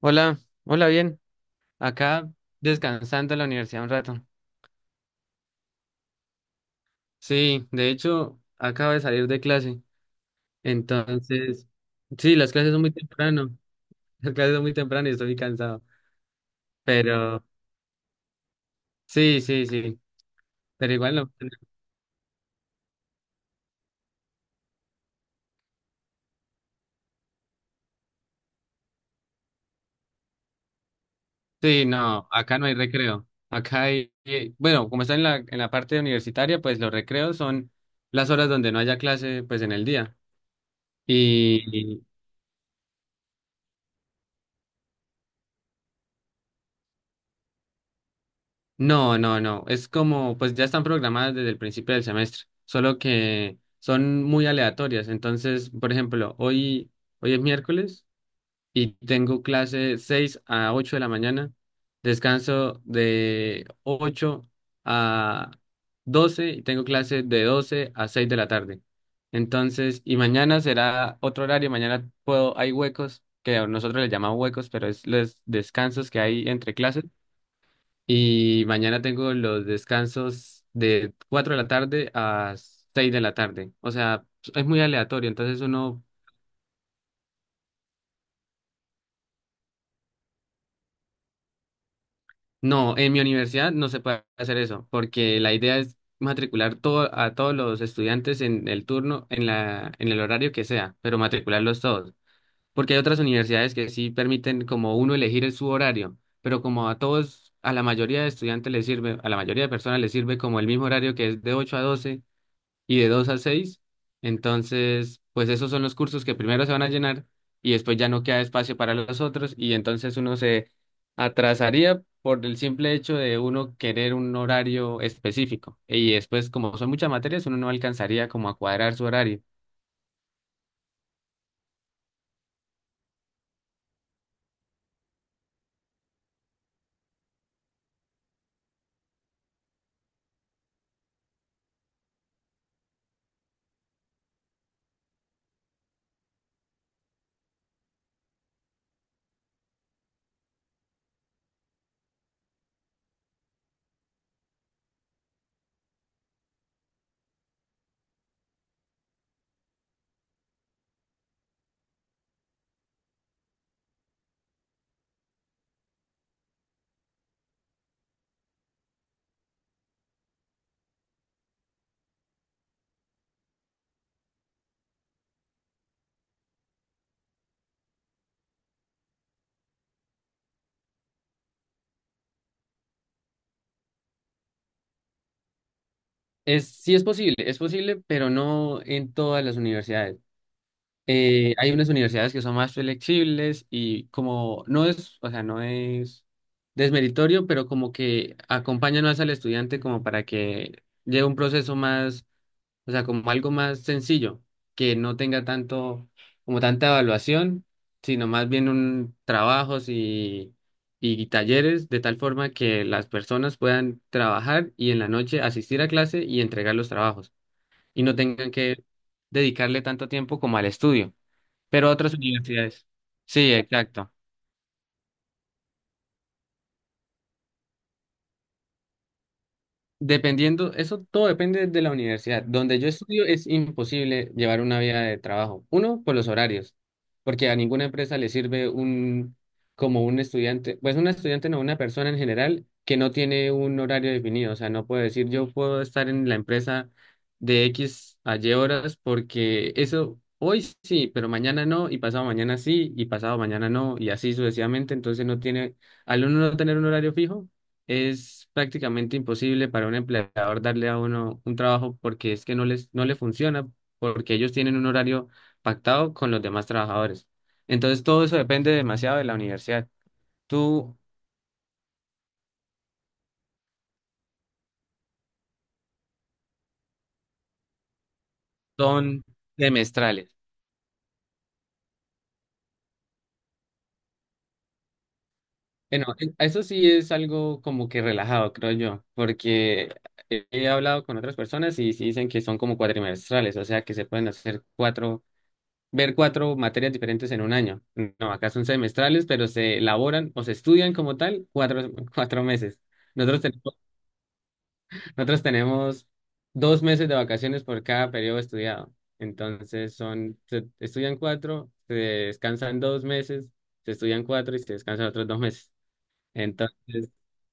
Hola, hola, bien. Acá descansando en la universidad un rato. Sí, de hecho, acabo de salir de clase. Entonces, sí, las clases son muy temprano. Las clases son muy temprano y estoy muy cansado. Pero sí, sí, sí. Pero igual no. Sí, no, acá no hay recreo. Acá hay, bueno, como está en la parte universitaria, pues los recreos son las horas donde no haya clase, pues en el día. Y, No, no, no. Es como, pues ya están programadas desde el principio del semestre, solo que son muy aleatorias. Entonces, por ejemplo, hoy es miércoles y tengo clase 6 a 8 de la mañana, descanso de 8 a 12 y tengo clase de 12 a 6 de la tarde. Entonces, y mañana será otro horario, mañana hay huecos, que nosotros le llamamos huecos, pero es los descansos que hay entre clases y mañana tengo los descansos de 4 de la tarde a 6 de la tarde. O sea, es muy aleatorio. Entonces no, en mi universidad no se puede hacer eso, porque la idea es matricular todo, a todos los estudiantes en el turno, en el horario que sea, pero matricularlos todos. Porque hay otras universidades que sí permiten como uno elegir su horario, pero como a la mayoría de estudiantes les sirve, a la mayoría de personas les sirve como el mismo horario que es de 8 a 12 y de 2 a 6. Entonces, pues esos son los cursos que primero se van a llenar y después ya no queda espacio para los otros y entonces uno se atrasaría por el simple hecho de uno querer un horario específico. Y después, como son muchas materias, uno no alcanzaría como a cuadrar su horario. Sí es posible, pero no en todas las universidades. Hay unas universidades que son más flexibles y como no es, o sea, no es desmeritorio, pero como que acompañan más al estudiante como para que lleve un proceso más, o sea, como algo más sencillo, que no tenga tanto, como tanta evaluación, sino más bien un trabajos y talleres, de tal forma que las personas puedan trabajar y en la noche asistir a clase y entregar los trabajos y no tengan que dedicarle tanto tiempo como al estudio, pero otras universidades. Sí, exacto. Dependiendo, eso todo depende de la universidad. Donde yo estudio es imposible llevar una vida de trabajo. Uno, por los horarios, porque a ninguna empresa le sirve como un estudiante, pues un estudiante no, una persona en general que no tiene un horario definido. O sea, no puede decir yo puedo estar en la empresa de X a Y horas porque eso hoy sí, pero mañana no, y pasado mañana sí, y pasado mañana no, y así sucesivamente. Entonces no tiene, al uno no tener un horario fijo es prácticamente imposible para un empleador darle a uno un trabajo porque es que no le funciona, porque ellos tienen un horario pactado con los demás trabajadores. Entonces todo eso depende demasiado de la universidad. Tú son semestrales. Bueno, eso sí es algo como que relajado, creo yo, porque he hablado con otras personas y sí dicen que son como cuatrimestrales, o sea que se pueden hacer cuatro ver cuatro materias diferentes en un año. No, acá son semestrales, pero se elaboran o se estudian como tal cuatro, 4 meses. Nosotros tenemos, nosotros tenemos 2 meses de vacaciones por cada periodo estudiado. Entonces se estudian cuatro, se descansan 2 meses, se estudian cuatro y se descansan otros 2 meses. Entonces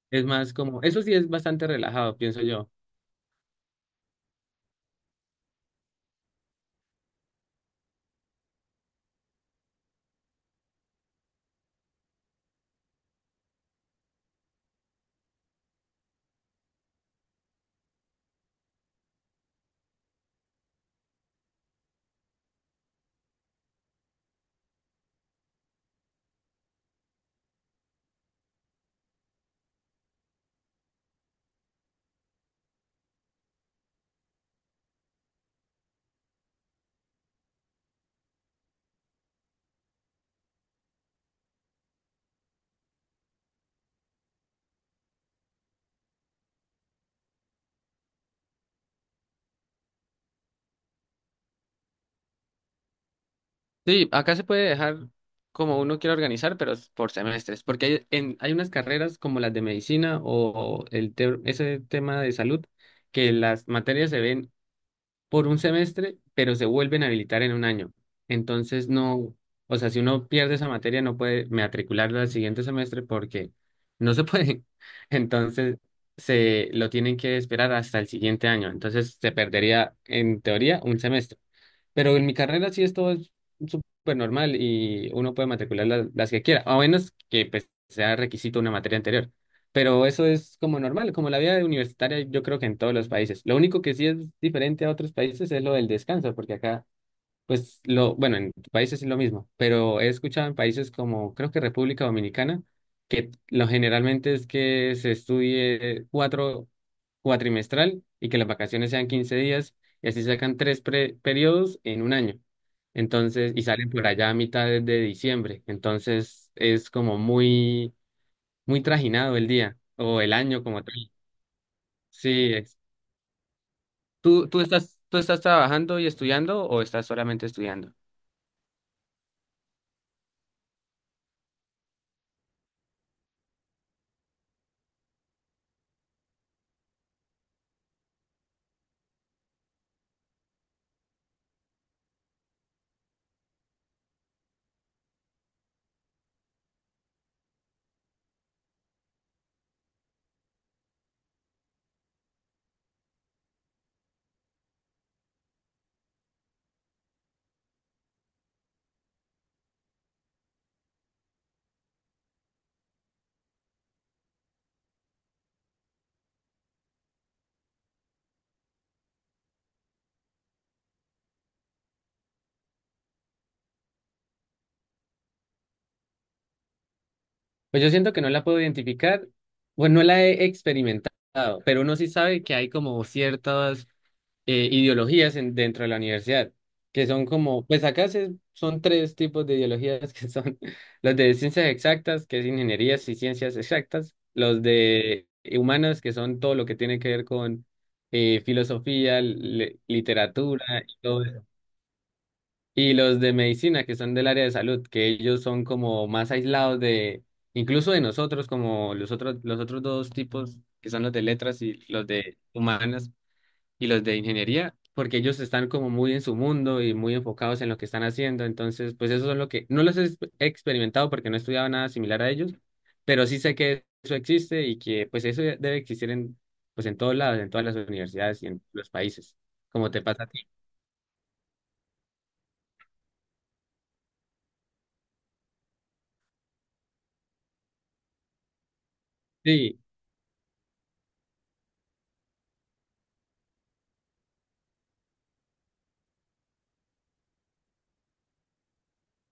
es más como, eso sí es bastante relajado, pienso yo. Sí, acá se puede dejar como uno quiera organizar, pero es por semestres, porque hay unas carreras como las de medicina o ese tema de salud, que las materias se ven por un semestre, pero se vuelven a habilitar en un año. Entonces no, o sea, si uno pierde esa materia no puede matricularla al siguiente semestre porque no se puede. Entonces se lo tienen que esperar hasta el siguiente año. Entonces se perdería en teoría un semestre. Pero en mi carrera sí esto es súper normal y uno puede matricular las, que quiera, a menos que pues, sea requisito una materia anterior. Pero eso es como normal, como la vida universitaria yo creo que en todos los países. Lo único que sí es diferente a otros países es lo del descanso, porque acá pues bueno, en países es lo mismo, pero he escuchado en países como creo que República Dominicana, que lo generalmente es que se estudie cuatro cuatrimestral y que las vacaciones sean 15 días y así sacan tres periodos en un año. Entonces, y salen por allá a mitad de diciembre. Entonces es como muy, muy trajinado el día o el año como tal. Sí, ¿Tú estás trabajando y estudiando o estás solamente estudiando? Pues yo siento que no la puedo identificar, bueno no la he experimentado, pero uno sí sabe que hay como ciertas ideologías dentro de la universidad, que son como, pues acá son tres tipos de ideologías que son los de ciencias exactas, que es ingenierías y ciencias exactas, los de humanos, que son todo lo que tiene que ver con filosofía, literatura, y los de medicina, que son del área de salud, que ellos son como más aislados de, incluso de nosotros, como los otros dos tipos, que son los de letras y los de humanas y los de ingeniería, porque ellos están como muy en su mundo y muy enfocados en lo que están haciendo. Entonces, pues eso es lo que, no los he experimentado porque no he estudiado nada similar a ellos, pero sí sé que eso existe y que pues eso debe existir pues en todos lados, en todas las universidades y en los países, como te pasa a ti. Sí.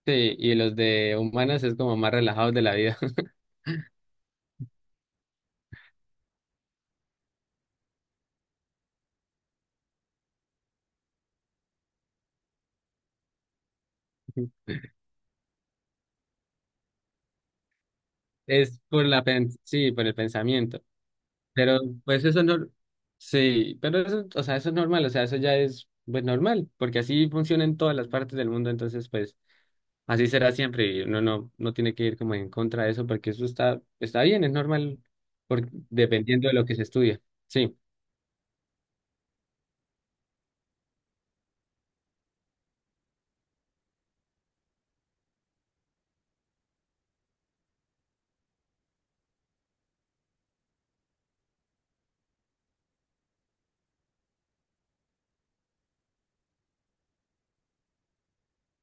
Sí, y los de humanas es como más relajados de la vida. Es por la pen- Sí, por el pensamiento. Pero pues eso no, sí, pero eso, o sea, eso es normal, o sea, eso ya es pues normal, porque así funciona en todas las partes del mundo, entonces pues así será siempre y uno no tiene que ir como en contra de eso porque eso está bien, es normal dependiendo de lo que se estudia. Sí,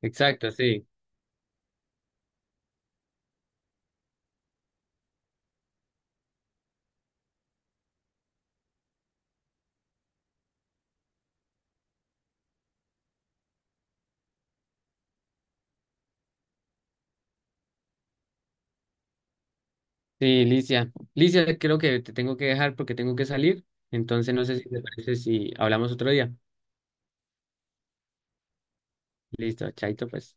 exacto, sí. Sí, Licia. Licia, creo que te tengo que dejar porque tengo que salir, entonces no sé si te parece si hablamos otro día. Listo, chaito pues.